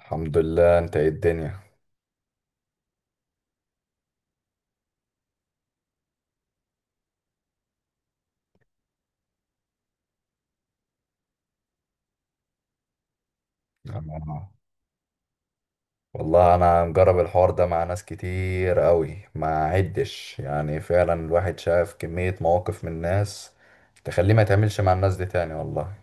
الحمد لله، انت ايه الدنيا؟ أنا- والله انا مجرب الحوار ده مع ناس كتير قوي ما عدش، يعني فعلا الواحد شاف كمية مواقف من الناس تخليه ما يتعاملش مع الناس دي تاني والله.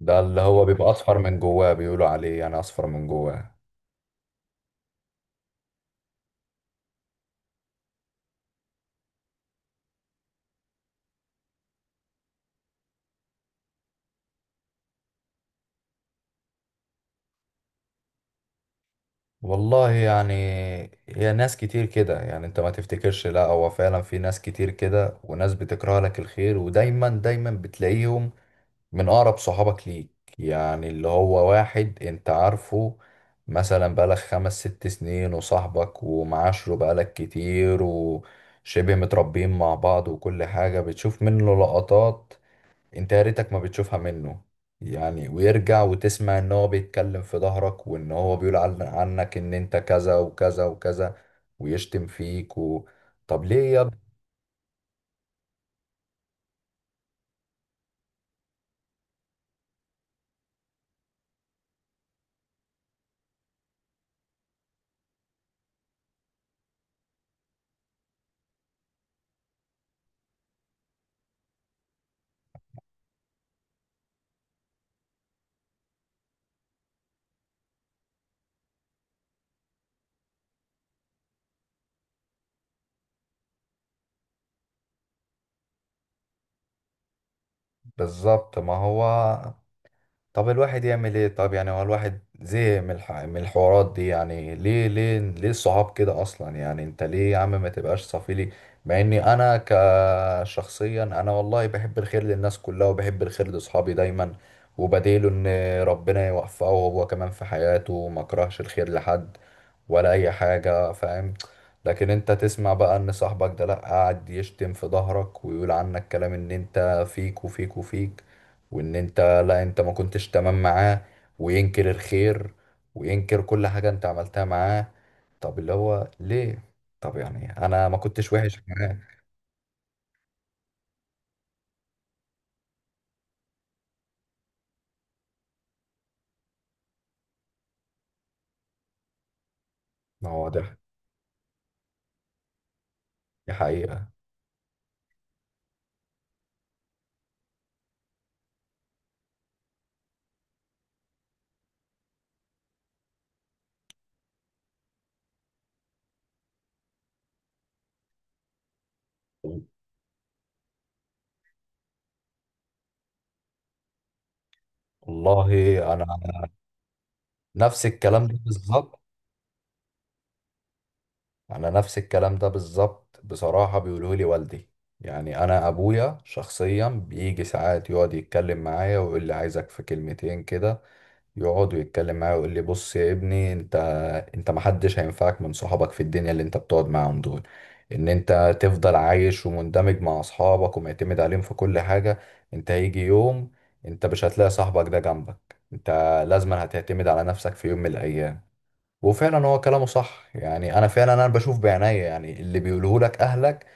ده اللي هو بيبقى اصفر من جواه، بيقولوا عليه يعني اصفر من جواه. والله يعني هي ناس كتير كده، يعني انت ما تفتكرش، لا هو فعلا في ناس كتير كده وناس بتكره لك الخير، ودايما دايما بتلاقيهم من أقرب صحابك ليك. يعني اللي هو واحد أنت عارفه، مثلا بقالك خمس ست سنين وصاحبك ومعاشره بقالك كتير وشبه متربيين مع بعض وكل حاجة بتشوف منه لقطات أنت يا ريتك ما بتشوفها منه. يعني ويرجع وتسمع إن هو بيتكلم في ظهرك، وإن هو بيقول عنك إن أنت كذا وكذا وكذا ويشتم فيك طب ليه يا ابني؟ بالظبط ما هو. طب الواحد يعمل ايه؟ طب يعني هو الواحد زهق من من الحوارات دي، يعني ليه ليه ليه الصحاب كده اصلا؟ يعني انت ليه يا عم ما تبقاش صفيلي؟ مع اني انا كشخصيا انا والله بحب الخير للناس كلها وبحب الخير لاصحابي دايما، وبديله ان ربنا يوفقه هو كمان في حياته، وما كرهش الخير لحد ولا اي حاجة فاهم. لكن انت تسمع بقى ان صاحبك ده لا قاعد يشتم في ظهرك ويقول عنك كلام ان انت فيك وفيك وفيك، وان انت، لا انت ما كنتش تمام معاه، وينكر الخير وينكر كل حاجة انت عملتها معاه. طب اللي هو ليه؟ طب يعني انا ما كنتش وحش معاه. ما هو ده. دي حقيقة. والله نفس الكلام ده بالظبط انا نفس الكلام ده بالظبط بصراحة بيقوله لي والدي. يعني انا ابويا شخصيا بيجي ساعات يقعد يتكلم معايا ويقول لي عايزك في كلمتين كده، يقعد ويتكلم معايا ويقول لي بص يا ابني انت، انت محدش هينفعك من صحابك في الدنيا اللي انت بتقعد معاهم دول. ان انت تفضل عايش ومندمج مع اصحابك ومعتمد عليهم في كل حاجة، انت هيجي يوم انت مش هتلاقي صاحبك ده جنبك. انت لازما هتعتمد على نفسك في يوم من الايام. وفعلا هو كلامه صح، يعني انا فعلا انا بشوف بعينيا، يعني اللي بيقوله لك اهلك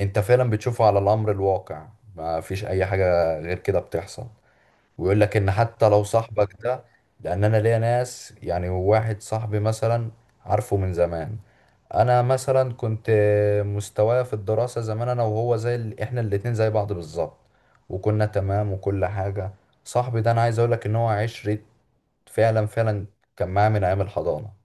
انت فعلا بتشوفه على الامر الواقع، ما فيش اي حاجة غير كده بتحصل. ويقول لك ان حتى لو صاحبك ده، لان انا ليا ناس، يعني واحد صاحبي مثلا عارفه من زمان. انا مثلا كنت مستوايا في الدراسة زمان انا وهو زي احنا الاتنين زي بعض بالظبط، وكنا تمام وكل حاجة. صاحبي ده انا عايز اقول لك ان هو عشرة، فعلا فعلا. كان معايا من ايام الحضانة.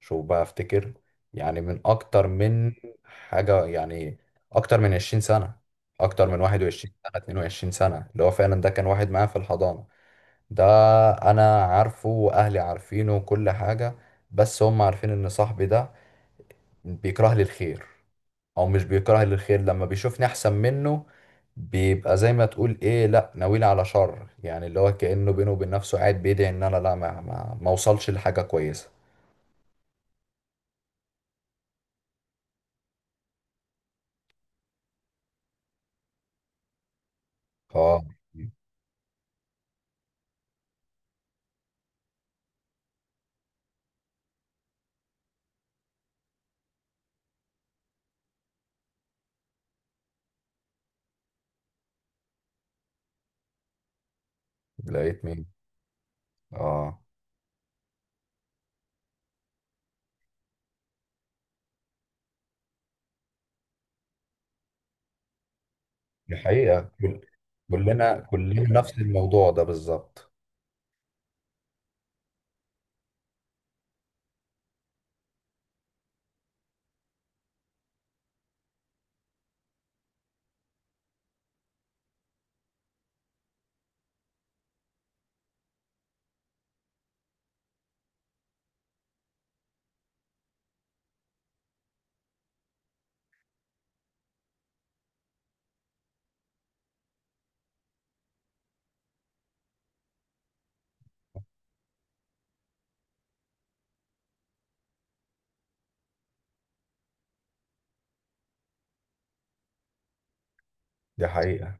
شوف بقى افتكر، يعني من اكتر من حاجة يعني، اكتر من 20 سنة، اكتر من 21 سنة 22 سنة، اللي هو فعلا ده كان واحد معايا في الحضانة. ده انا عارفه واهلي عارفينه وكل حاجة، بس هم عارفين ان صاحبي ده بيكره لي الخير، او مش بيكره لي الخير لما بيشوفني احسن منه، بيبقى زي ما تقول ايه، لا ناويني على شر. يعني اللي هو كأنه بينه وبين نفسه قاعد بيدعي ان انا لا ما اوصلش لحاجة كويسة. اه. لقيت مين؟ اه. دي حقيقة. كلنا نفس الموضوع ده بالظبط. دي حقيقة.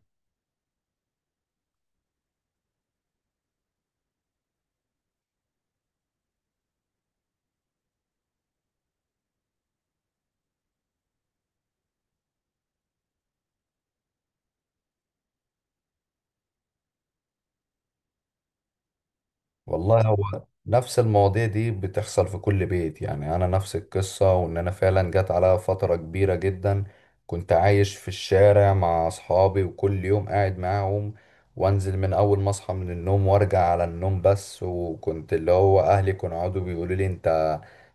والله هو نفس المواضيع دي بتحصل في كل بيت، يعني انا نفس القصة، وان انا فعلا جت عليا فترة كبيرة جدا كنت عايش في الشارع مع اصحابي وكل يوم قاعد معاهم، وانزل من اول ما اصحى من النوم وارجع على النوم بس، وكنت اللي هو اهلي كانوا يقعدوا بيقولوا لي انت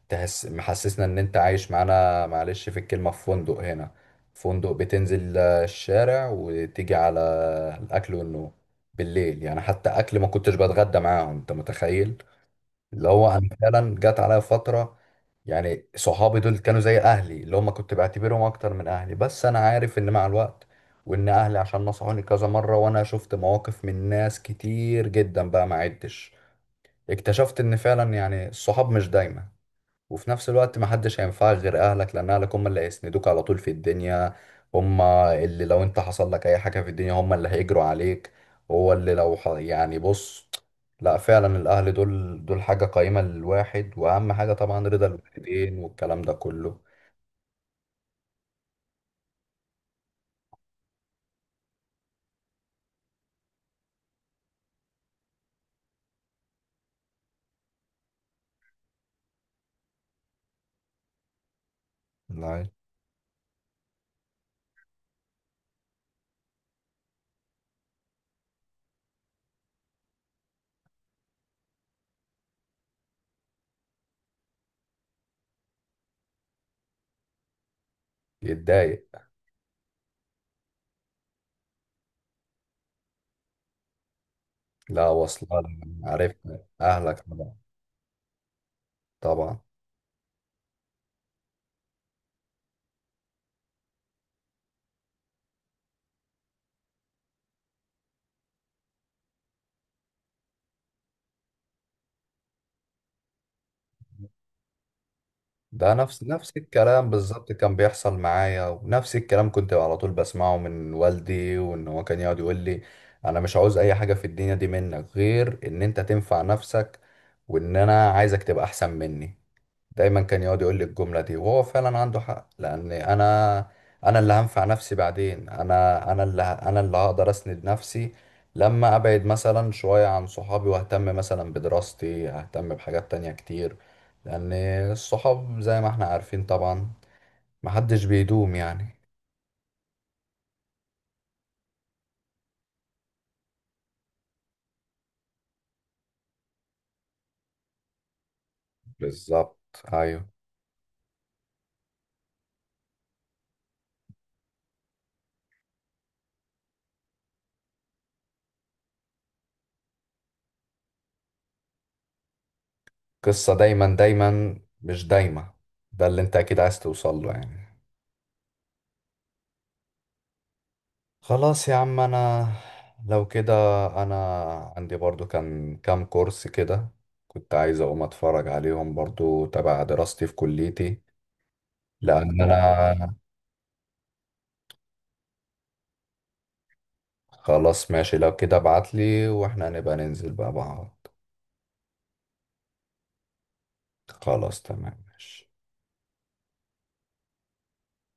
تحس محسسنا ان انت عايش معانا، معلش في الكلمة، في فندق هنا، فندق بتنزل الشارع وتيجي على الاكل والنوم بالليل، يعني حتى اكل ما كنتش بتغدى معاهم انت متخيل. اللي هو انا فعلا جت عليا فترة، يعني صحابي دول كانوا زي اهلي اللي هم كنت بعتبرهم اكتر من اهلي، بس انا عارف ان مع الوقت، وان اهلي عشان نصحوني كذا مرة وانا شفت مواقف من ناس كتير جدا بقى ما عدتش، اكتشفت ان فعلا يعني الصحاب مش دايما، وفي نفس الوقت ما حدش هينفعك غير اهلك، لان اهلك هم اللي هيسندوك على طول في الدنيا، هم اللي لو انت حصل لك اي حاجة في الدنيا هم اللي هيجروا عليك، هو اللي لو يعني بص، لا فعلا الاهل دول حاجة قيمة للواحد، واهم حاجة طبعا رضا الوالدين والكلام ده كله. لا، يتضايق. لا، واصلة. عارف. اهلك طبعا. طبعا. ده نفس الكلام بالظبط كان بيحصل معايا، ونفس الكلام كنت على طول بسمعه من والدي، وان هو كان يقعد يقول لي انا مش عاوز اي حاجة في الدنيا دي منك غير ان انت تنفع نفسك، وان انا عايزك تبقى احسن مني. دايما كان يقعد يقول لي الجملة دي، وهو فعلا عنده حق، لأن أنا اللي هنفع نفسي بعدين، أنا أنا اللي هقدر أسند نفسي لما أبعد مثلا شوية عن صحابي وأهتم مثلا بدراستي، أهتم بحاجات تانية كتير، لأن الصحاب زي ما احنا عارفين طبعا محدش بيدوم يعني. بالظبط. أيوه. قصة دايما دايما مش دايما، ده اللي أنت أكيد عايز توصل له يعني. خلاص يا عم. انا لو كده، انا عندي برضو كان كام كورس كده كنت عايز اقوم اتفرج عليهم برضو تبع دراستي في كليتي، لان انا، خلاص ماشي لو كده ابعتلي واحنا هنبقى ننزل بقى بعض. خلاص تمام ماشي.